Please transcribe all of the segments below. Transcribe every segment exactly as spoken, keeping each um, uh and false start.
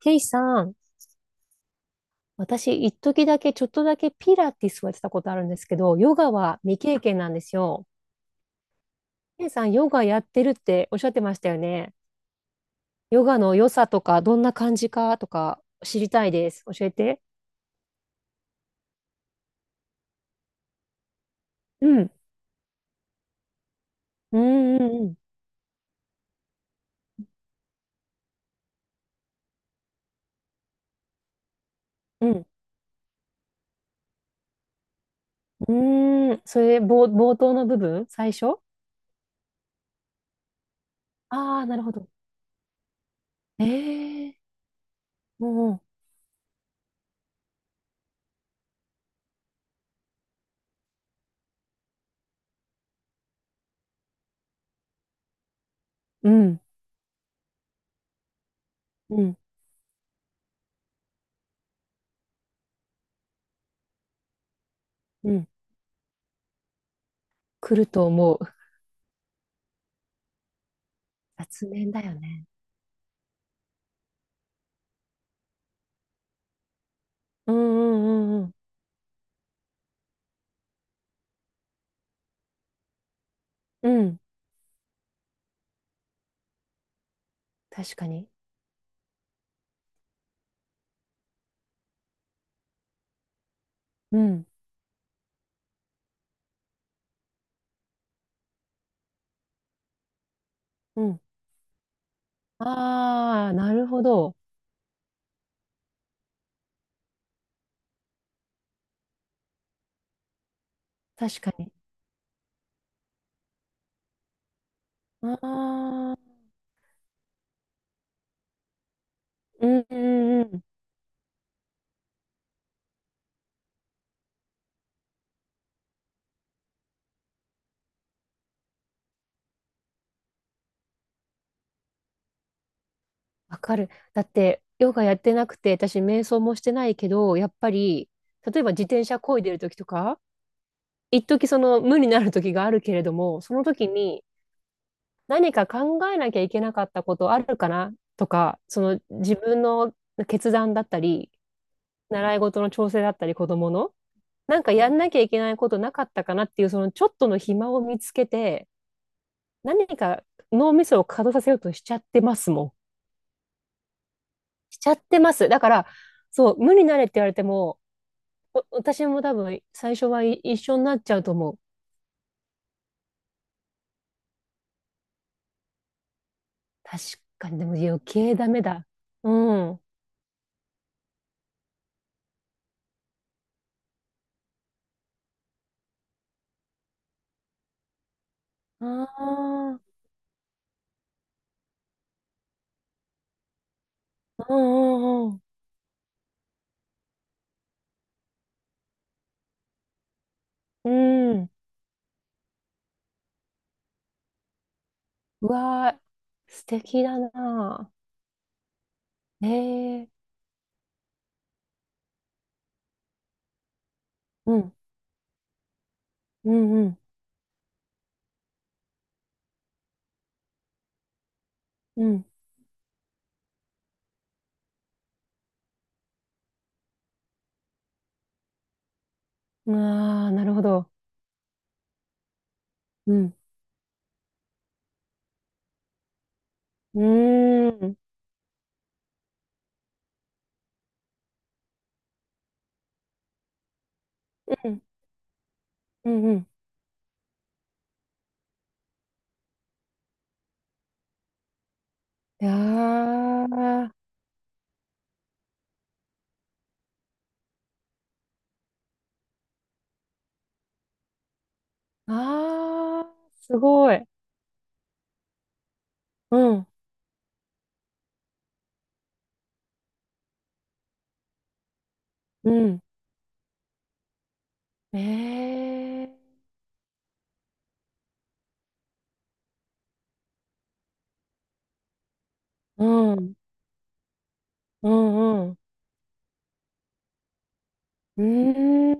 ケイさん、私、一時だけ、ちょっとだけピラティスをやってたことあるんですけど、ヨガは未経験なんですよ。ケイさん、ヨガやってるっておっしゃってましたよね。ヨガの良さとか、どんな感じかとか、知りたいです。教えて。うん。うんうんうん。うん。うん。それ、冒、冒頭の部分最初。ああー、なるほど。ええー。うんうん。うん。うん。来ると思う。雑念だよね。うんうんうんうん。うん。確かに。うん。うん。ああ、なるほど。確かに。ああ、うんうんうん。わかる。だって、ヨガやってなくて、私、瞑想もしてないけど、やっぱり、例えば自転車漕いでる時とか、一時その無になる時があるけれども、その時に何か考えなきゃいけなかったことあるかなとか、その自分の決断だったり、習い事の調整だったり、子供の、なんかやんなきゃいけないことなかったかなっていう、そのちょっとの暇を見つけて、何か脳みそを稼働させようとしちゃってますもん。しちゃってます。だから、そう、無になれって言われても、お私も多分最初はい一緒になっちゃうと思う。確かに、でも余計ダメだ。うん。ああ、うんうんうん。うん。うわー、素敵だな。ええー、うん、うん、うん、うん。ああ、なるほど。うん。うーん、うん、うん、うん。いやー、ああ、すごい。うん、うん。ええ、うん、うん、うん。うーん、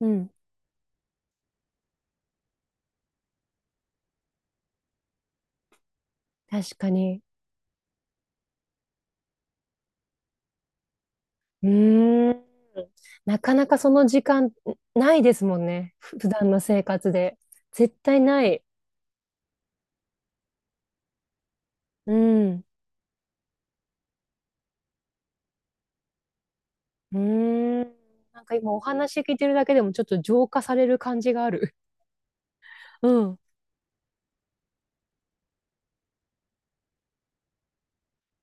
うん。確かに。うーん。なかなかその時間ないですもんね。ふ普段の生活で。絶対ない。うん。うーん。なんか今お話聞いてるだけでもちょっと浄化される感じがある。うん。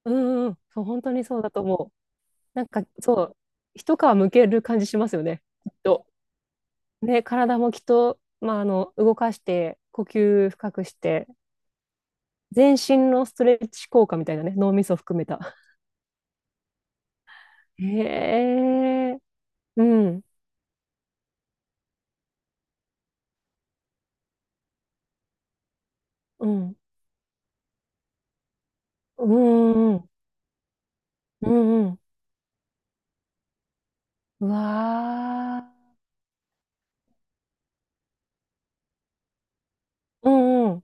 うん、うんうん。そう、本当にそうだと思う。なんかそう、一皮むける感じしますよね。きっと。ね、体もきっと、まあ、あの、動かして、呼吸深くして、全身のストレッチ効果みたいなね、脳みそ含めた。へえ、うん、うん、うん、うん、うん、うん、うわー、うん、うん、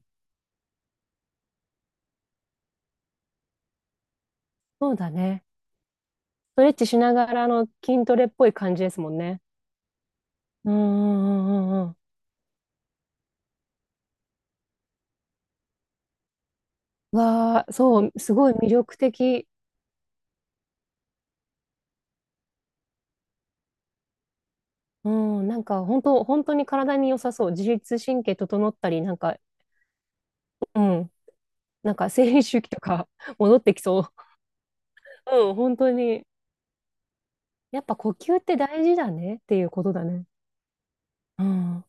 そうだね。ストレッチしながらの筋トレっぽい感じですもんね。うん、うん、うん、うん、うん。うわー、そう、すごい魅力的。うん、なんか本当、本当に体に良さそう。自律神経整ったり、なんか、うん。なんか生理周期とか 戻ってきそう。うん、本当に。やっぱ呼吸って大事だねっていうことだね。うん。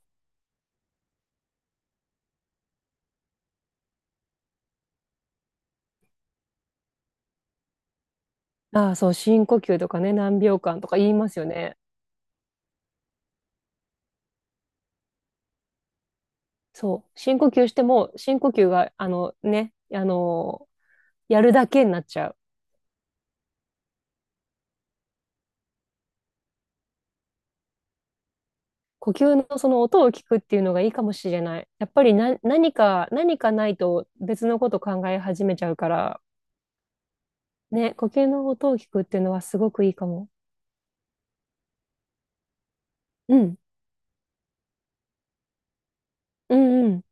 ああ、そう、深呼吸とかね、何秒間とか言いますよね。そう、深呼吸しても、深呼吸が、あのね、あのやるだけになっちゃう。呼吸のその音を聞くっていうのがいいかもしれない。やっぱりな、何か、何かないと別のこと考え始めちゃうから、ね、呼吸の音を聞くっていうのはすごくいいかも。うん、うん、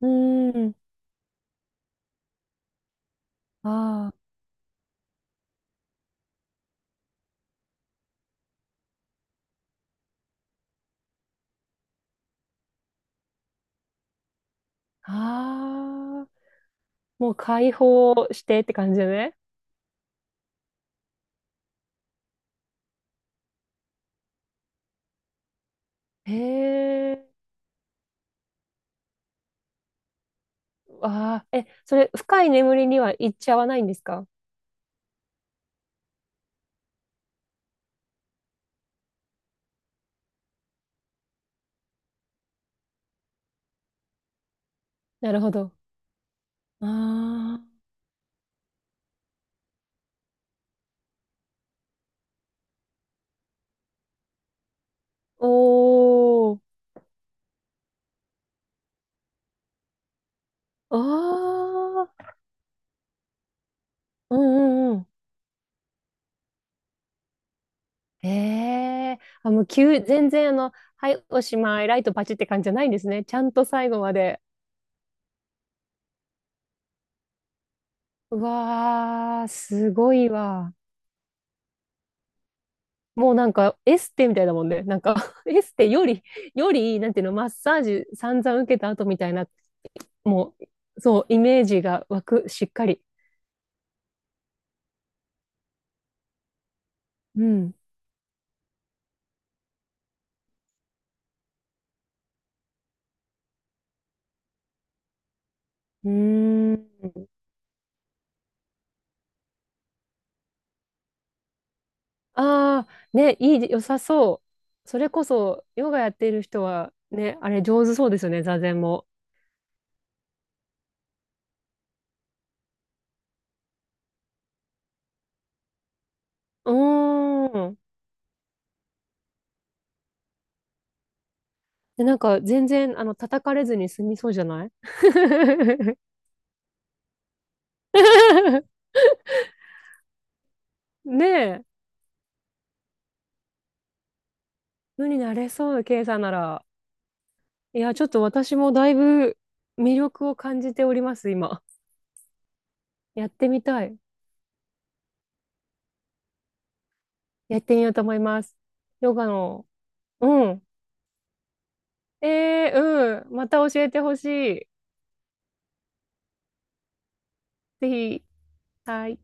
うん、うん。ああ。ああ、もう解放してって感じね。へえ、わあ、え、それ、深い眠りには行っちゃわないんですか？なるほど。ああ、おー、ああ、うんうんうん。へえ、あ、もう急、全然あの、はい、おしまい、ライトパチって感じじゃないんですね。ちゃんと最後まで。うわあ、すごいわ。もうなんかエステみたいだもんね。なんか エステより、より、なんていうの、マッサージ散々受けた後みたいな、もう、そう、イメージが湧く、しっかり。うん。うーん。ああ、ね、いい、良さそう。それこそ、ヨガやっている人は、ね、あれ上手そうですよね、座禅も。うーん。で、なんか全然、あの、叩かれずに済みそうじゃない ねえ、無になれそう、ケイさんなら。いや、ちょっと私もだいぶ魅力を感じております、今。やってみたい。やってみようと思います。ヨガの。うん。えー、うん。また教えてほしい。ぜひ。はい。